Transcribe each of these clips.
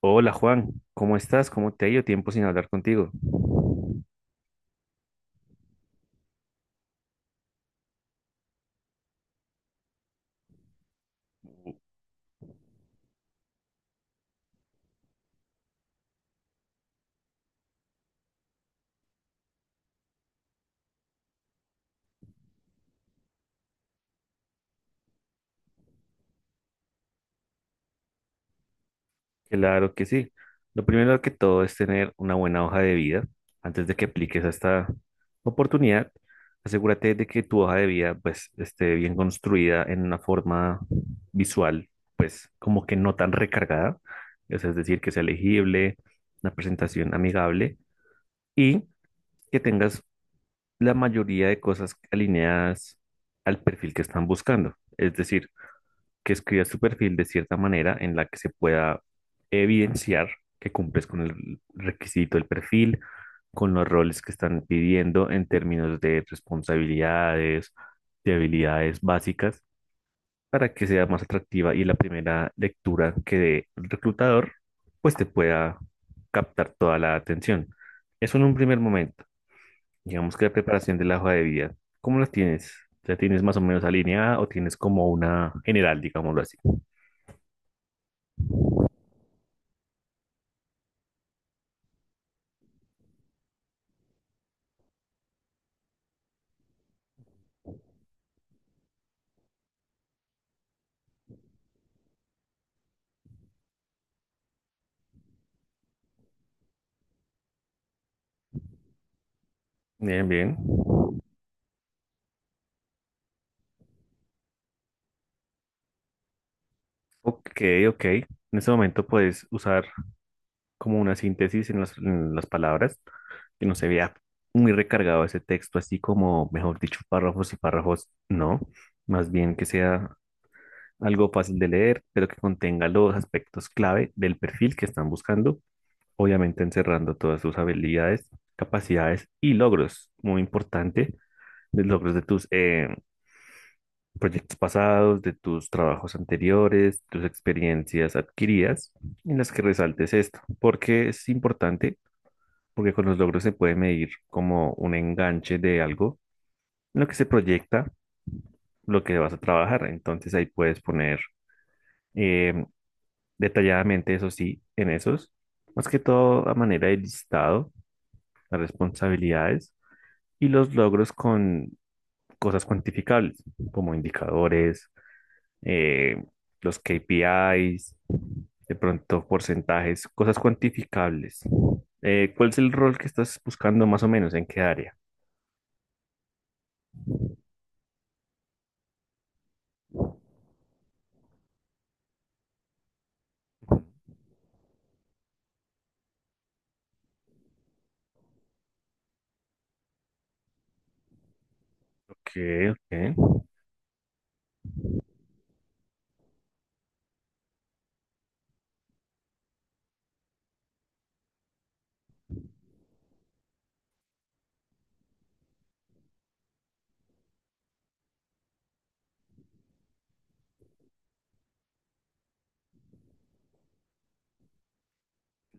Hola Juan, ¿cómo estás? ¿Cómo te ha ido? Tiempo sin hablar contigo. Claro que sí. Lo primero que todo es tener una buena hoja de vida. Antes de que apliques a esta oportunidad, asegúrate de que tu hoja de vida pues esté bien construida en una forma visual, pues como que no tan recargada, o sea, es decir, que sea legible, una presentación amigable y que tengas la mayoría de cosas alineadas al perfil que están buscando. Es decir, que escribas tu perfil de cierta manera en la que se pueda evidenciar que cumples con el requisito del perfil, con los roles que están pidiendo en términos de responsabilidades, de habilidades básicas, para que sea más atractiva y la primera lectura que dé el reclutador, pues te pueda captar toda la atención. Eso en un primer momento. Digamos que la preparación de la hoja de vida, ¿cómo la tienes? ¿Ya tienes más o menos alineada o tienes como una general, digámoslo así? Bien, bien. Ok, ok. En este momento puedes usar como una síntesis en las palabras, que no se vea muy recargado ese texto, así como, mejor dicho, párrafos y párrafos, no. Más bien que sea algo fácil de leer, pero que contenga los aspectos clave del perfil que están buscando, obviamente encerrando todas sus habilidades, capacidades y logros. Muy importante, los logros de tus, proyectos pasados, de tus trabajos anteriores, tus experiencias adquiridas, en las que resaltes esto, porque es importante, porque con los logros se puede medir como un enganche de algo, en lo que se proyecta, lo que vas a trabajar. Entonces ahí puedes poner eh, detalladamente, eso sí, en esos, más que todo a manera de listado, las responsabilidades y los logros con cosas cuantificables, como indicadores, eh, los KPIs de pronto porcentajes, cosas cuantificables. ¿cuál es el rol que estás buscando más o menos? ¿En qué área? Ok, ok,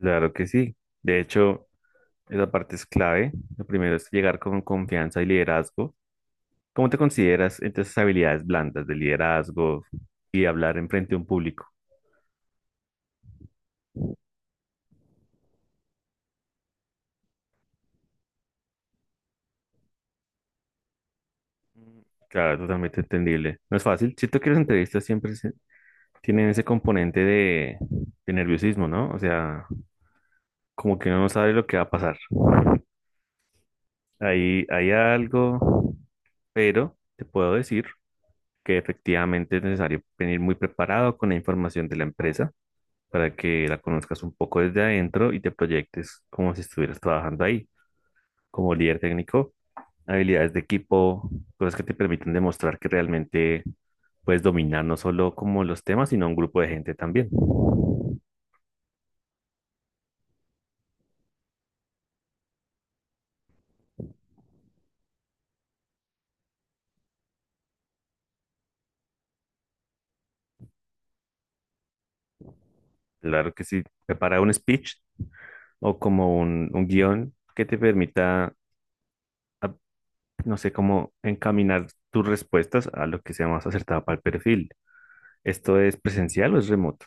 claro que sí. De hecho, esa parte es clave. Lo primero es llegar con confianza y liderazgo. ¿Cómo te consideras entre esas habilidades blandas de liderazgo y hablar en frente a un público? Mm. Claro, totalmente entendible. No es fácil. Si tú quieres entrevistas, siempre tienen ese componente de nerviosismo, ¿no? O sea, como que uno no sabe lo que va a pasar. Ahí hay algo, pero te puedo decir que efectivamente es necesario venir muy preparado con la información de la empresa para que la conozcas un poco desde adentro y te proyectes como si estuvieras trabajando ahí, como líder técnico, habilidades de equipo, cosas que te permiten demostrar que realmente puedes dominar no solo como los temas, sino un grupo de gente también. Claro que sí, prepara un speech o como un guión que te permita, a- no sé, como encaminar tus respuestas a lo que sea más acertado para el perfil. ¿Esto es presencial o es remoto?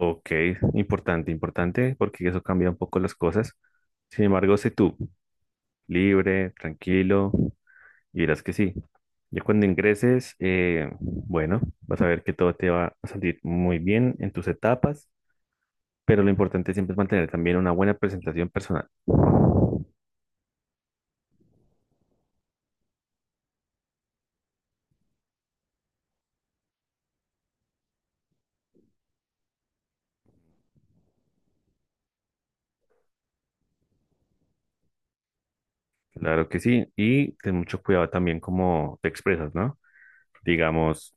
Ok, importante, importante, porque eso cambia un poco las cosas. Sin embargo, sé tú, libre, tranquilo, y verás que sí. Ya cuando ingreses, bueno, vas a ver que todo te va a salir muy bien en tus etapas. Pero lo importante siempre es mantener también una buena presentación personal. Claro que sí. Y ten mucho cuidado también cómo te expresas, ¿no? Digamos,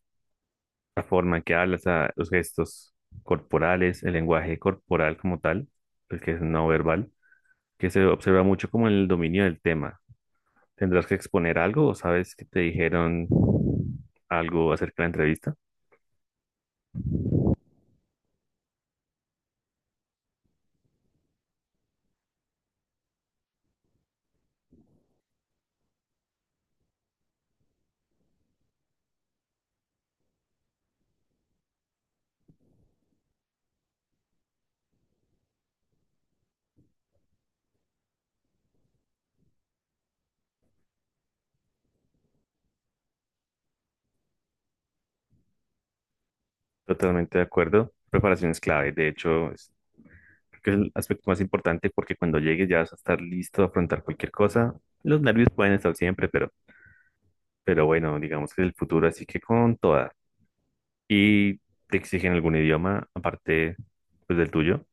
la forma en que hablas, los gestos corporales, el lenguaje corporal como tal, el que es no verbal, que se observa mucho como el dominio del tema. ¿Tendrás que exponer algo o sabes que te dijeron algo acerca de la entrevista? Totalmente de acuerdo. Preparación es clave. De hecho, es que es el aspecto más importante porque cuando llegues ya vas a estar listo a afrontar cualquier cosa. Los nervios pueden estar siempre, pero bueno, digamos que es el futuro, así que con toda. Y te exigen algún idioma aparte pues, del tuyo.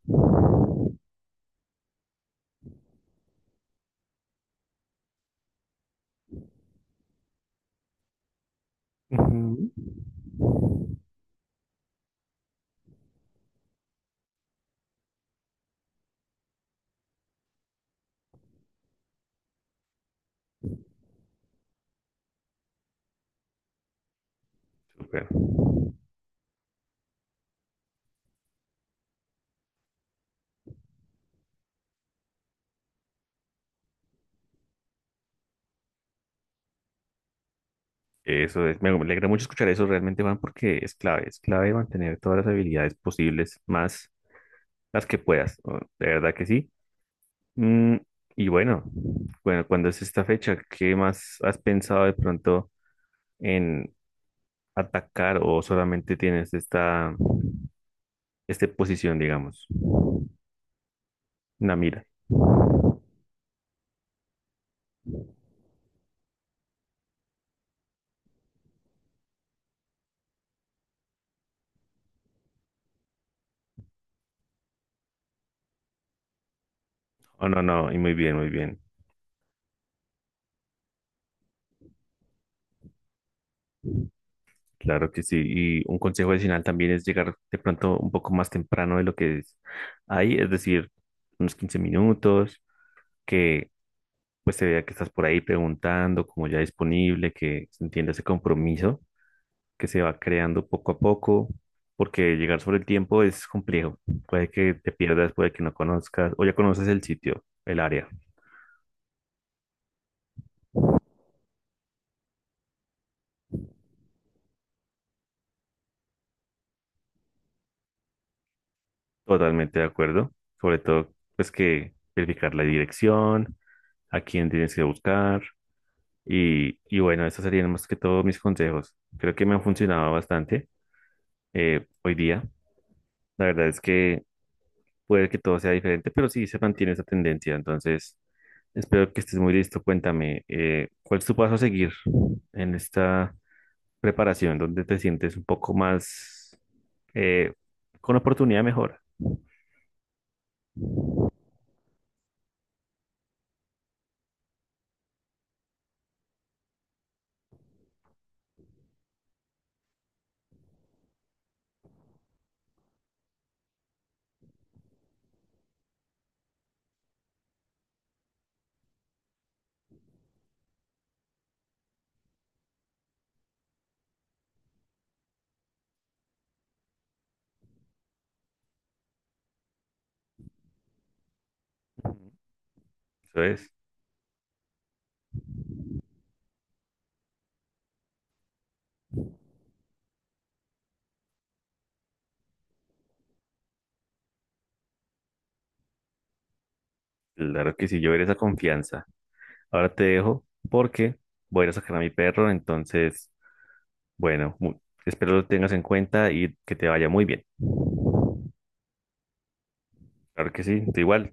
Ujú. Súper. Eso es, me alegra mucho escuchar eso realmente, Juan, porque es clave mantener todas las habilidades posibles, más las que puedas, ¿no? De verdad que sí. Mm, y bueno, bueno, ¿cuándo es esta fecha? ¿Qué más has pensado de pronto en, atacar o solamente tienes esta posición, digamos, una mira. Oh, no, no, y muy bien, muy bien. Claro que sí. Y un consejo adicional también es llegar de pronto un poco más temprano de lo que es ahí, es decir, unos 15 minutos, que pues se vea que estás por ahí preguntando, como ya disponible, que se entienda ese compromiso que se va creando poco a poco, porque llegar sobre el tiempo es complejo. Puede que te pierdas, puede que no conozcas, o ya conoces el sitio, el área. Totalmente de acuerdo. Sobre todo, pues que verificar la dirección, a quién tienes que buscar. Y, bueno, esos serían más que todo mis consejos. Creo que me han funcionado bastante hoy día. La verdad es que puede que todo sea diferente, pero sí se mantiene esa tendencia. Entonces, espero que estés muy listo. Cuéntame, ¿cuál es tu paso a seguir en esta preparación donde te sientes un poco más eh, con oportunidad de mejora? Eso es. Claro que sí, yo ver esa confianza. Ahora te dejo porque voy a ir a sacar a mi perro, entonces, bueno, espero lo tengas en cuenta y que te vaya muy bien. Claro que sí, tú igual.